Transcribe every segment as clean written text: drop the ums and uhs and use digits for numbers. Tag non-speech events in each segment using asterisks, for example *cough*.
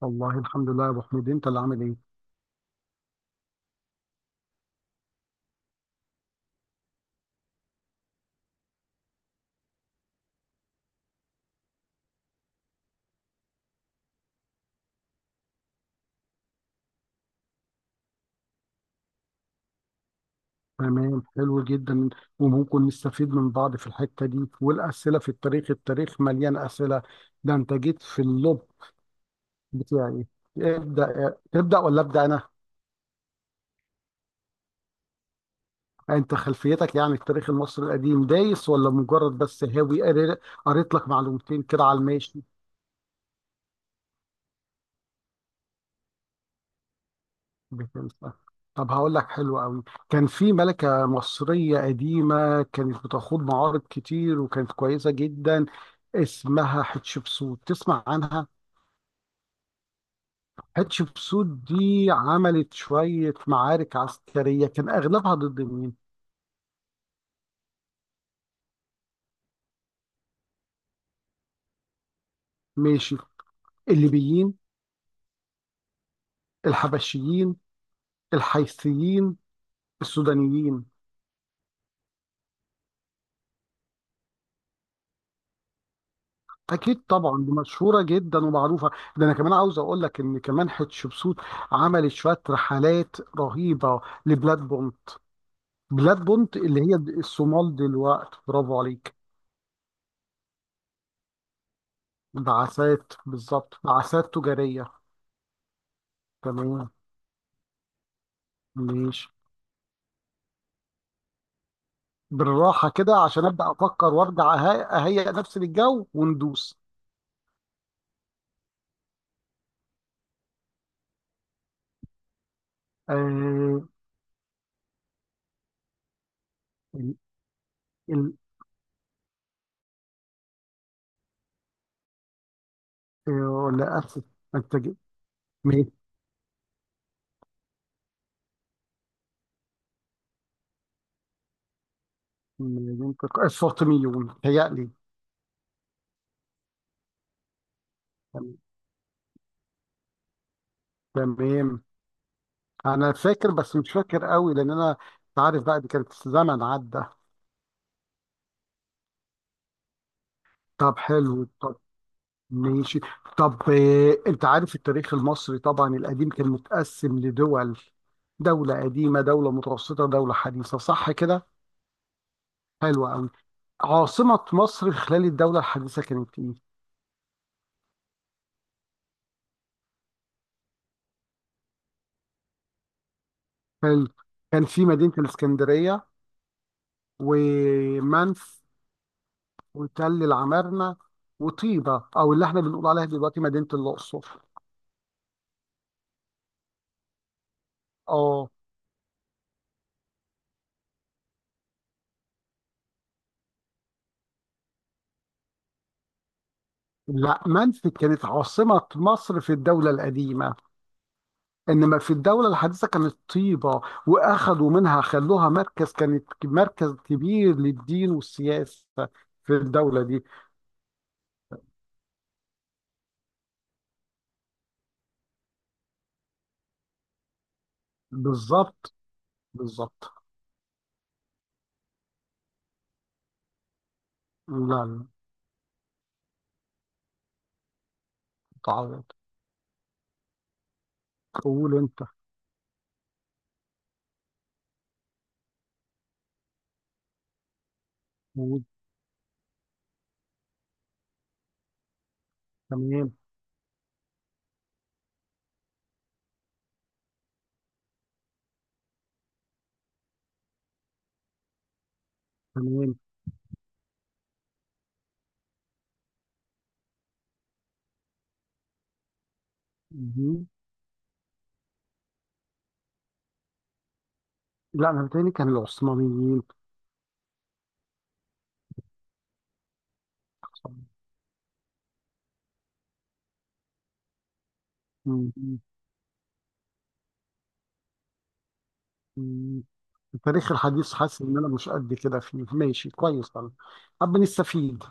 والله الحمد لله يا ابو حميد، انت اللي عامل ايه؟ تمام، حلو جدا. وممكن نستفيد من بعض في الحته دي. والاسئله في التاريخ التاريخ مليان اسئله. ده انت جيت في اللب بتاعي. ابدا، تبدا ولا ابدا انا؟ انت خلفيتك يعني التاريخ المصري القديم دايس ولا مجرد بس هاوي قريت لك معلومتين كده على الماشي؟ بتنسى؟ طب هقول لك، حلو قوي. كان في ملكة مصرية قديمة كانت بتخوض معارض كتير وكانت كويسة جدا، اسمها حتشبسوت. تسمع عنها؟ حتشبسوت دي عملت شوية معارك عسكرية، كان أغلبها ضد مين؟ ماشي: الليبيين، الحبشيين، الحيثيين، السودانيين. أكيد طبعا، دي مشهورة جدا ومعروفة. ده أنا كمان عاوز أقول لك إن كمان حتشبسوت عملت شوية رحلات رهيبة لبلادهم، بلاد بونت اللي هي الصومال دلوقتي. برافو عليك. بعثات، بالظبط، بعثات تجارية. تمام. ماشي. بالراحة كده عشان أبدأ أفكر وأرجع أهيئ نفسي للجو وندوس. آه. ال ال ولا أسف. أنتج. مين؟ مين السلطميون هيألي؟ تمام. أنا فاكر بس مش فاكر قوي، لأن أنا أنت عارف بقى دي كانت زمن عدى. طب حلو. ماشي. طب انت عارف التاريخ المصري طبعا القديم كان متقسم لدول: دولة قديمة، دولة متوسطة، دولة حديثة، صح كده؟ حلو قوي. عاصمة مصر خلال الدولة الحديثة كانت ايه؟ حلو. كان في مدينة الإسكندرية، ومنف، وتل العمارنة، وطيبة او اللي احنا بنقول عليها دلوقتي مدينة الأقصر. اه. لا، منف كانت عاصمة مصر في الدولة القديمة، انما في الدوله الحديثه كانت طيبه، واخذوا منها خلوها مركز، كانت مركز كبير للدين والسياسه في الدوله دي. بالظبط. بالظبط. لا لا. تعوض. قول انت. قول. تمام. تمام. دي؟ لا انا بتهيألي كان العثمانيين. م- م- التاريخ الحديث حاسس ان انا مش قد كده فيه، ماشي كويس طبعا. طب نستفيد.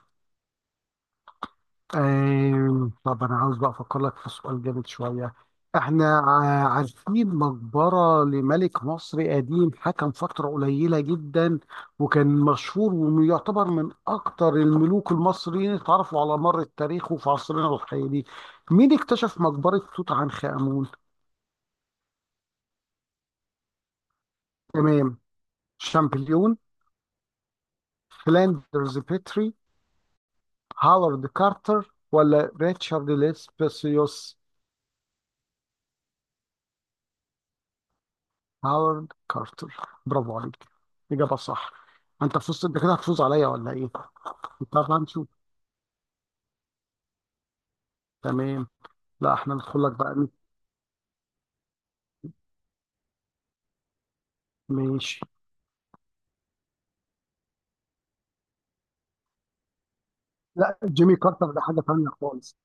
طب أنا عاوز بقى أفكر لك في سؤال جامد شوية. إحنا عارفين مقبرة لملك مصر قديم، حكم فترة قليلة جدا، وكان مشهور، ويعتبر من أكتر الملوك المصريين اللي اتعرفوا على مر التاريخ وفي عصرنا الحالي. مين اكتشف مقبرة توت عنخ آمون؟ تمام. شامبليون، فلاندرز بيتري، هاورد كارتر، ولا ريتشارد ليسبسيوس؟ هاورد كارتر. برافو عليك. إجابة صح. أنت فزت. أنت كده هتفوز عليا ولا إيه؟ أنت عارف، هنشوف. تمام. لا إحنا ندخل لك بقى ماشي. لا، جيمي كارتر ده حاجة تانية خالص.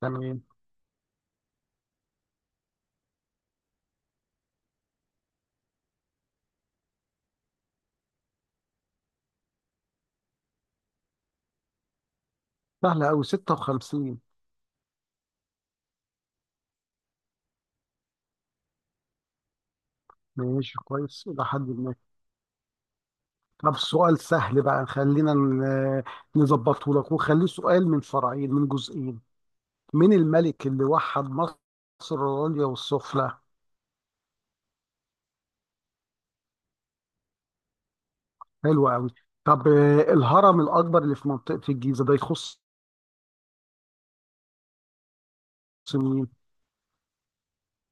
تمام. سهلة أوي، 56. ماشي كويس إلى حد ما. طب سؤال سهل بقى، خلينا نظبطه لك وخليه سؤال من فرعين، من جزئين. مين الملك اللي وحد مصر العليا والسفلى؟ حلو أوي. طب الهرم الأكبر اللي في منطقة الجيزة ده يخص مين؟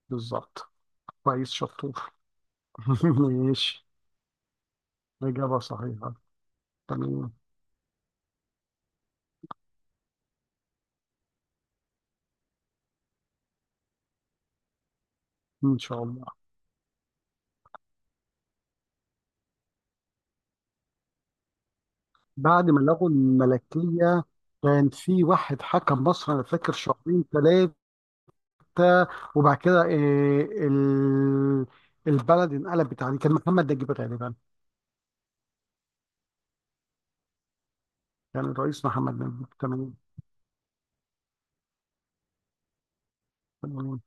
بالظبط. كويس، شطور. *laughs* ماشي. إجابة صحيحة. تمام. إن شاء الله. بعد ما لغوا الملكية، كان في واحد حكم مصر أنا فاكر شهرين ثلاثة، وبعد كده إيه ال... البلد انقلبت عليه، كان محمد نجيب غالبا. كان الرئيس محمد نجيب. تمام. تمام.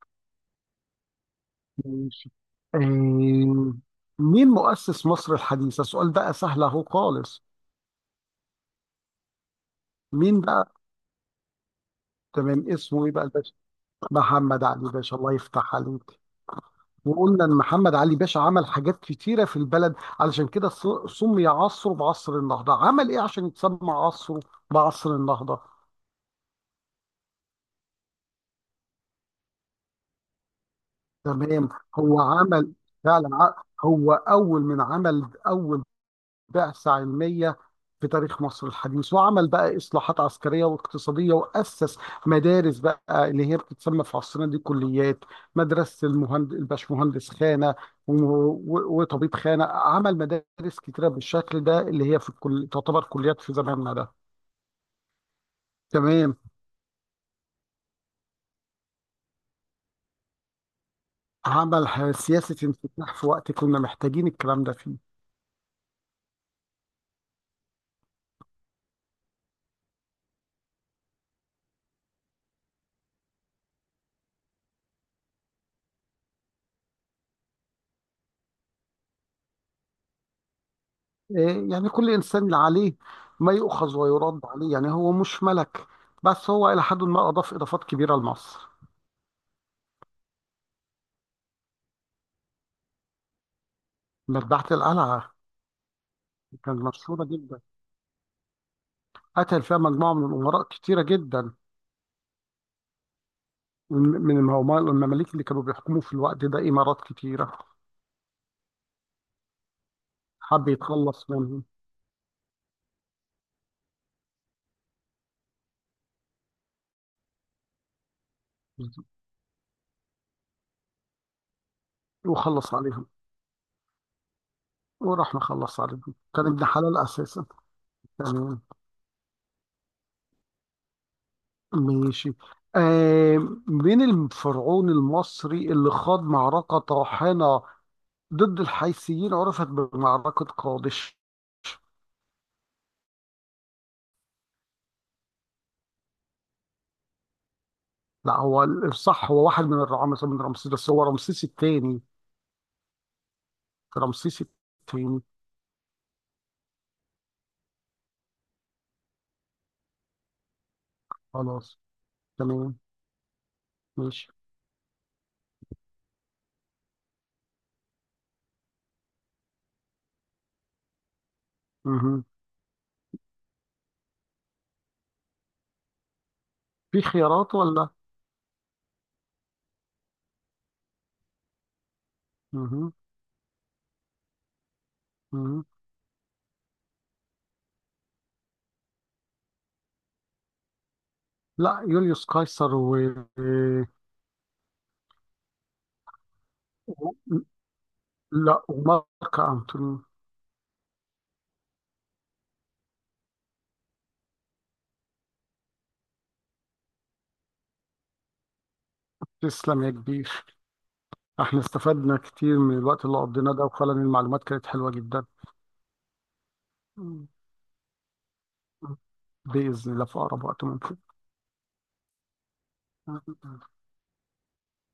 ماشي. إيه؟ مين مؤسس مصر الحديثة؟ السؤال بقى سهل أهو خالص. مين بقى؟ تمام. اسمه إيه بقى الباشا؟ محمد علي باشا، الله يفتح عليك. وقلنا ان محمد علي باشا عمل حاجات كتيره في البلد، علشان كده سمي عصره بعصر النهضه. عمل ايه عشان يتسمى عصره بعصر النهضه؟ تمام. هو عمل، فعلا هو اول من عمل اول بعثة علمية في تاريخ مصر الحديث، وعمل بقى إصلاحات عسكرية واقتصادية، وأسس مدارس بقى اللي هي بتتسمى في عصرنا دي كليات. مدرسة المهند... الباشمهندس خانة، و... و... وطبيب خانة. عمل مدارس كتيرة بالشكل ده اللي هي في الكل... تعتبر كليات في زماننا ده. تمام. عمل سياسة انفتاح في وقت كنا محتاجين الكلام ده فيه. إيه، يعني كل إنسان اللي عليه ما يؤخذ ويرد عليه، يعني هو مش ملك، بس هو إلى حد ما أضاف إضافات كبيرة لمصر. مذبحة القلعة كانت مشهورة جدا. قتل فيها مجموعة من الأمراء كتيرة جدا. من المماليك اللي كانوا بيحكموا في الوقت ده إمارات كتيرة. حب يتخلص منهم. وخلص عليهم. وراح مخلص عليهم. كان ابن حلال أساسا. تمام. ماشي. آه. من الفرعون المصري اللي خاض معركة طاحنة ضد الحيثيين، عرفت بمعركة قادش؟ لا، هو الصح هو واحد من الرعامسة، من رمسيس، بس هو رمسيس الثاني. رمسيس التاني. خلاص. تمام. ماشي. مهم. في خيارات ولا؟ مهم. مهم. لا، يوليوس قيصر و... لا، ومارك أنتوني. تسلم يا كبير. احنا استفدنا كتير من الوقت اللي قضيناه ده، وفعلا المعلومات كانت حلوة جدا. مم. بإذن الله في أقرب وقت. ممكن.